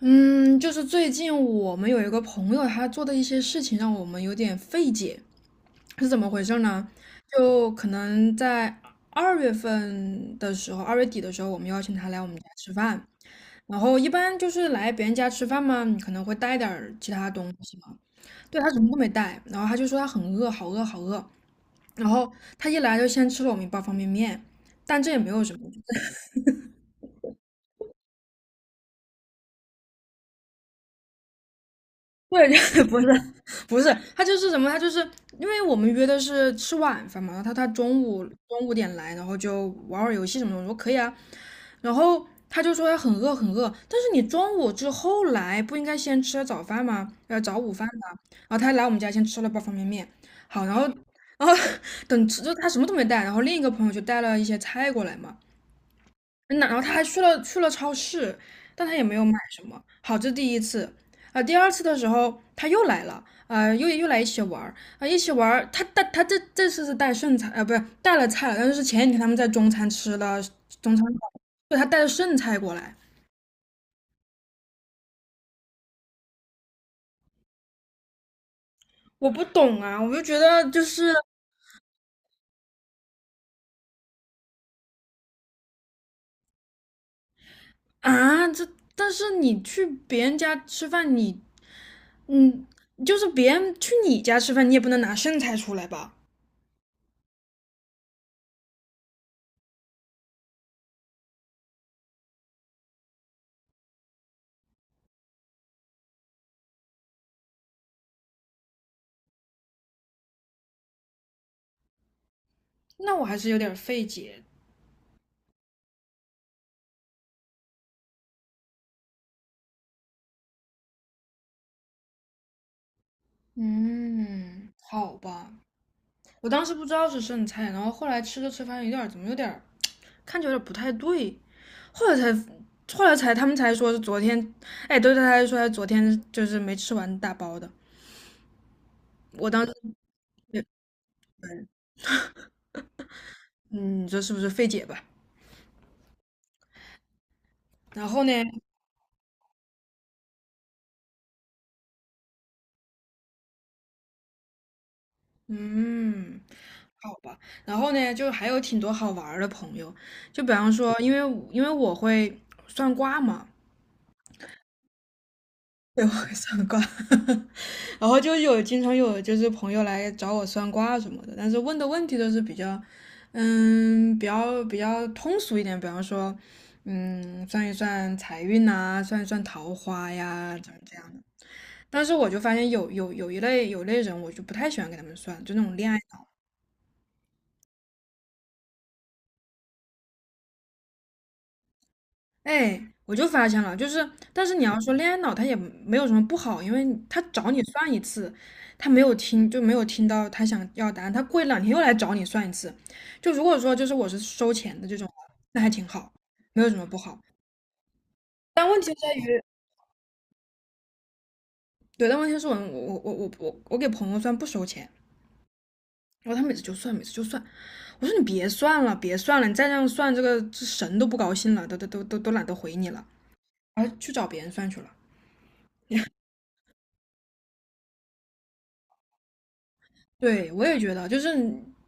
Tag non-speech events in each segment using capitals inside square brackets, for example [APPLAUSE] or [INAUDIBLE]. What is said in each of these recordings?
嗯，就是最近我们有一个朋友，他做的一些事情让我们有点费解，是怎么回事呢？就可能在2月底的时候，我们邀请他来我们家吃饭，然后一般就是来别人家吃饭嘛，你可能会带点儿其他东西嘛。对，他什么都没带，然后他就说他很饿，好饿，好饿。然后他一来就先吃了我们一包方便面，但这也没有什么。对，就 [LAUGHS] 不是不是，他就是因为我们约的是吃晚饭嘛，然后他中午点来，然后就玩会儿游戏什么的，我说可以啊。然后他就说他很饿很饿，但是你中午之后来不应该先吃早饭吗？要早午饭的。然后他来我们家先吃了包方便面，好，然后 [LAUGHS] 等吃就他什么都没带，然后另一个朋友就带了一些菜过来嘛，然后他还去了超市，但他也没有买什么。好，这第一次。啊、第二次的时候他又来了，又来一起玩儿。啊、一起玩儿。他这次是带剩菜，啊，不是带了菜了，但是前几天他们在中餐吃了中餐馆。对，他带了剩菜过来。我不懂啊，我就觉得就是啊，但是你去别人家吃饭，你嗯，就是别人去你家吃饭，你也不能拿剩菜出来吧？那我还是有点儿费解。嗯，好吧，我当时不知道是剩菜，然后后来吃着吃发现有点儿看着有点儿不太对，后来才后来才他们才说是昨天。哎，对，他才说他昨天就是没吃完大包的，我当时嗯，你说是不是费解吧？然后呢，嗯，好吧。然后呢，就还有挺多好玩儿的朋友，就比方说，因为我会算卦嘛。对，我会算卦。[LAUGHS] 然后就有经常有就是朋友来找我算卦什么的，但是问的问题都是比较通俗一点，比方说，算一算财运呐、算一算桃花呀，怎么这样的。但是我就发现有一类人，我就不太喜欢给他们算，就那种恋爱。哎，我就发现了，就是，但是你要说恋爱脑，他也没有什么不好，因为他找你算一次，他没有听就没有听到他想要答案，他过一两天又来找你算一次。就如果说就是我是收钱的这种，那还挺好，没有什么不好。但问题在于，对，但问题是我给朋友算不收钱，然后他每次就算，每次就算，我说你别算了，别算了，你再这样算，这个这神都不高兴了，都懒得回你了，而去找别人算去了。对，我也觉得，就是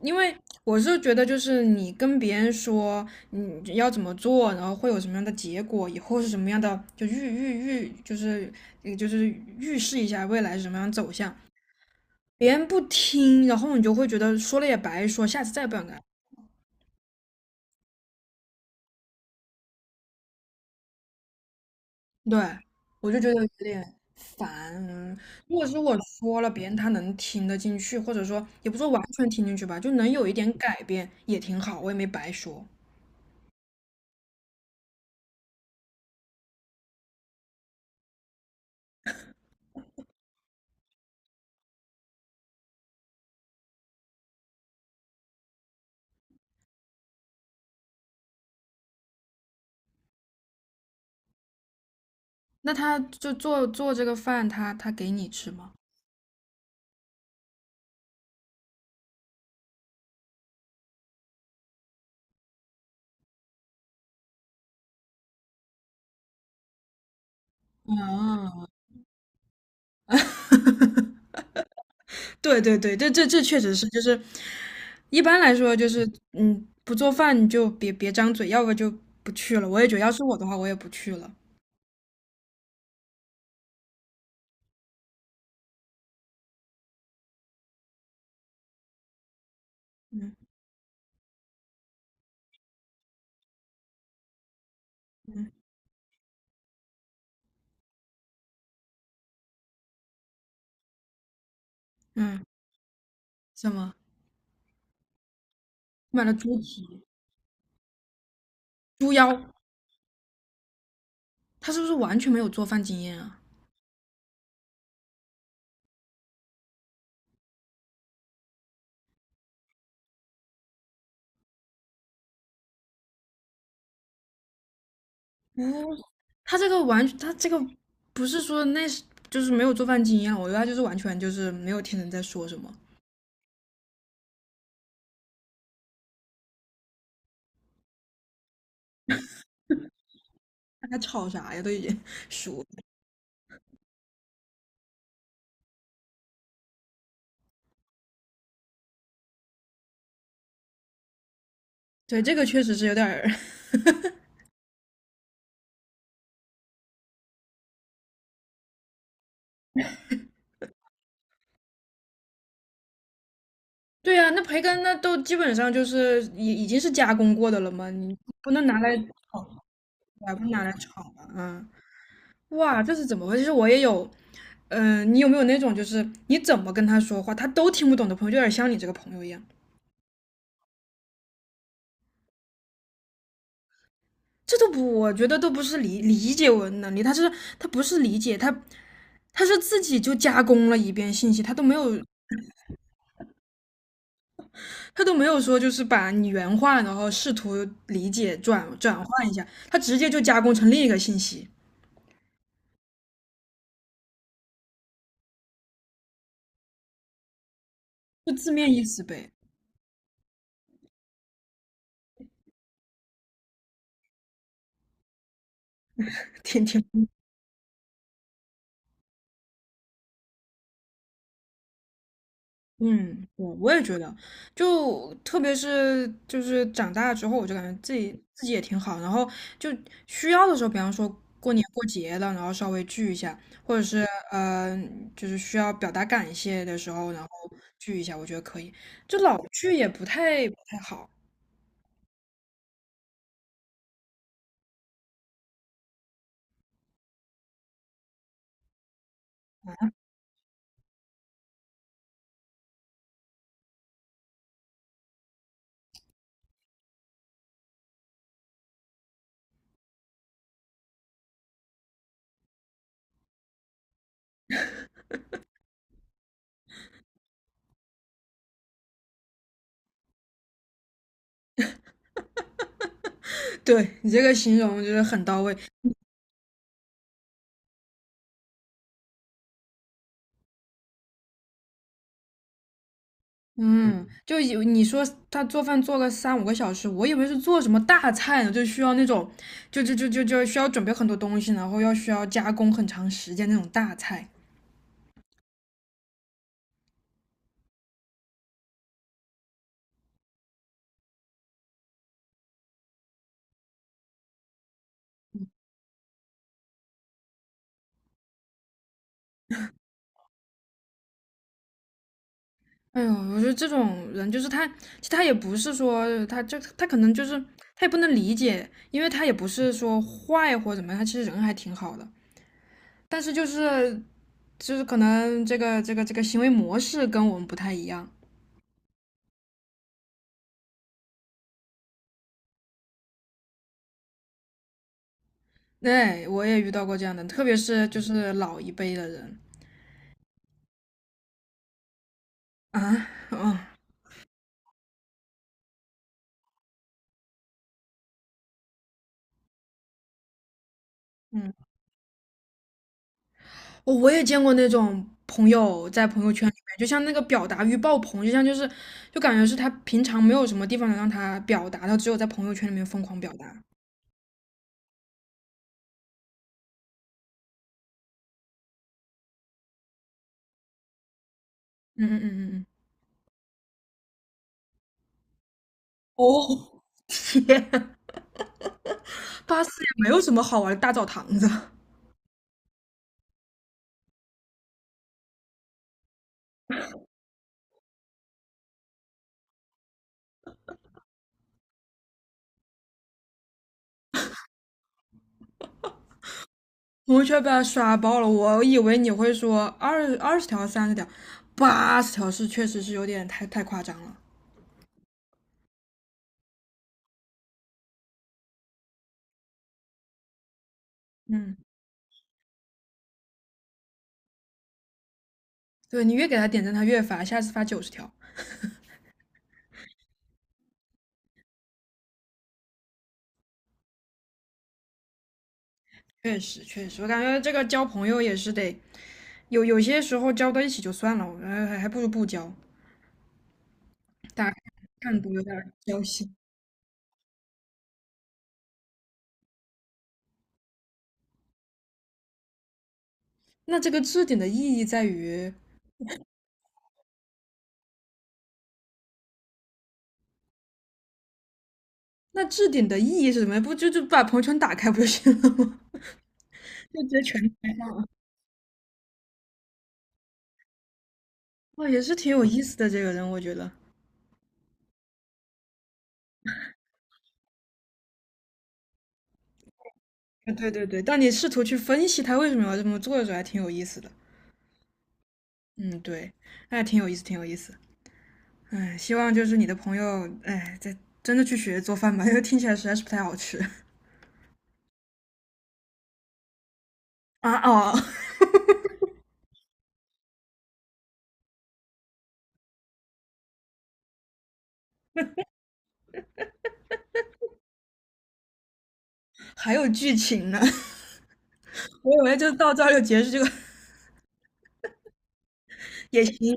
因为我是觉得，就是你跟别人说你要怎么做，然后会有什么样的结果，以后是什么样的，就预预预，就是呃就是预示一下未来是什么样的走向。别人不听，然后你就会觉得说了也白说，下次再也不想干。对，我就觉得有点烦。嗯如果是我说了，别人他能听得进去，或者说也不说完全听进去吧，就能有一点改变也挺好，我也没白说。那他就做做这个饭，他给你吃吗？啊，[LAUGHS] 对对对，这确实是，就是一般来说就是嗯，不做饭你就别张嘴，要不就不去了。我也觉得，要是我的话，我也不去了。嗯嗯嗯，什么？买了猪蹄、猪腰，他是不是完全没有做饭经验啊？哦，他这个不是说那是就是没有做饭经验，我觉得他就是完全就是没有听人在说什么。他在吵啥呀？都已经 [LAUGHS] 熟。对，这个确实是有点儿。[LAUGHS] 对啊，那培根那都基本上就是已经是加工过的了嘛，你不能拿来炒，对啊，不能拿来炒吧啊。嗯，哇，这是怎么回事？其实我也有，你有没有那种就是你怎么跟他说话，他都听不懂的朋友，就有点像你这个朋友一样。这都不，我觉得都不是理解我的能力，他不是理解，他是自己就加工了一遍信息，他都没有说就是把你原话，然后试图理解转换一下，他直接就加工成另一个信息，就字面意思呗。挺挺，嗯，我也觉得，就特别是就是长大之后，我就感觉自己自己也挺好，然后就需要的时候，比方说过年过节了，然后稍微聚一下，或者是呃，就是需要表达感谢的时候，然后聚一下，我觉得可以。就老聚也不太好。[LAUGHS] 对你这个形容就是很到位。嗯，就以为你说他做饭做个三五个小时，我以为是做什么大菜呢，就需要那种，就需要准备很多东西，然后需要加工很长时间那种大菜。哎呦，我觉得这种人就是他，其实他也不是说他就他可能就是他也不能理解，因为他也不是说坏或怎么样，他其实人还挺好的，但是就是可能这个行为模式跟我们不太一样。对，我也遇到过这样的，特别是就是老一辈的人。啊，嗯嗯，我也见过那种朋友在朋友圈里面，就像那个表达欲爆棚，就感觉是他平常没有什么地方能让他表达，他只有在朋友圈里面疯狂表达。嗯嗯嗯嗯嗯。哦，天，巴斯也没有什么好玩的大澡堂子，朋友圈被他刷爆了。我以为你会说二十条、30条，80条是确实是有点太夸张了。嗯，对你越给他点赞，他越发，下次发90条。确实，确实，我感觉这个交朋友也是得有些时候交到一起就算了，我还不如不交，大家看多有点儿交心。那这个置顶的意义在于，那置顶的意义是什么？不就把朋友圈打开不就行了吗？[LAUGHS] 就直接全开上了。哦，也是挺有意思的这个人，我觉得。啊，对对对，当你试图去分析他为什么要这么做的时候，还挺有意思的。嗯，对，那还挺有意思，挺有意思。哎，希望就是你的朋友，哎，在真的去学做饭吧，因为听起来实在是不太好吃。 [LAUGHS] 啊哦，还有剧情呢。[LAUGHS] 我以为就到这儿就结束，这个也行，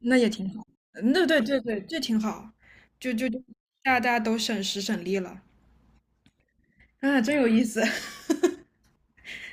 那也挺好。那对对对对这挺好，就大家都省时省力了，啊，真有意思。[LAUGHS]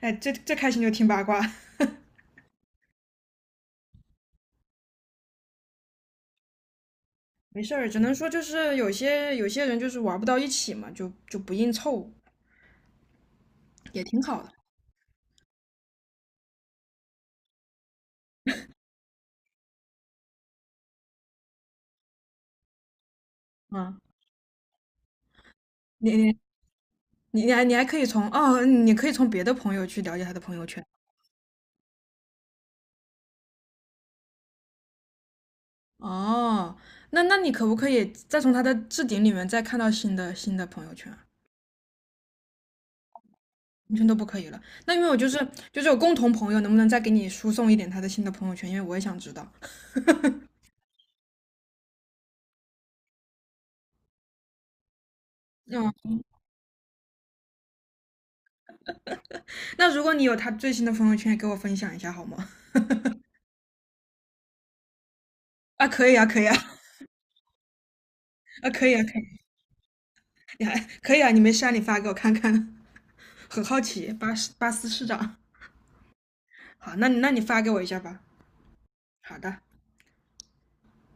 哎，这开心就听八卦，没事儿，只能说就是有些人就是玩不到一起嘛，就不硬凑，也挺好的。啊。你你你可以从别的朋友去了解他的朋友圈。哦，那你可不可以再从他的置顶里面再看到新的朋友圈？完全都不可以了。那因为我就是有共同朋友，能不能再给你输送一点他的新的朋友圈？因为我也想知道。嗯，那如果你有他最新的朋友圈，也给我分享一下好吗？啊，可以啊，可以啊，啊，可以啊，可以，你还可以啊，你没事啊，你发给我看看，[LAUGHS] 很好奇。巴斯巴斯市长，好，那你你发给我一下吧。好的。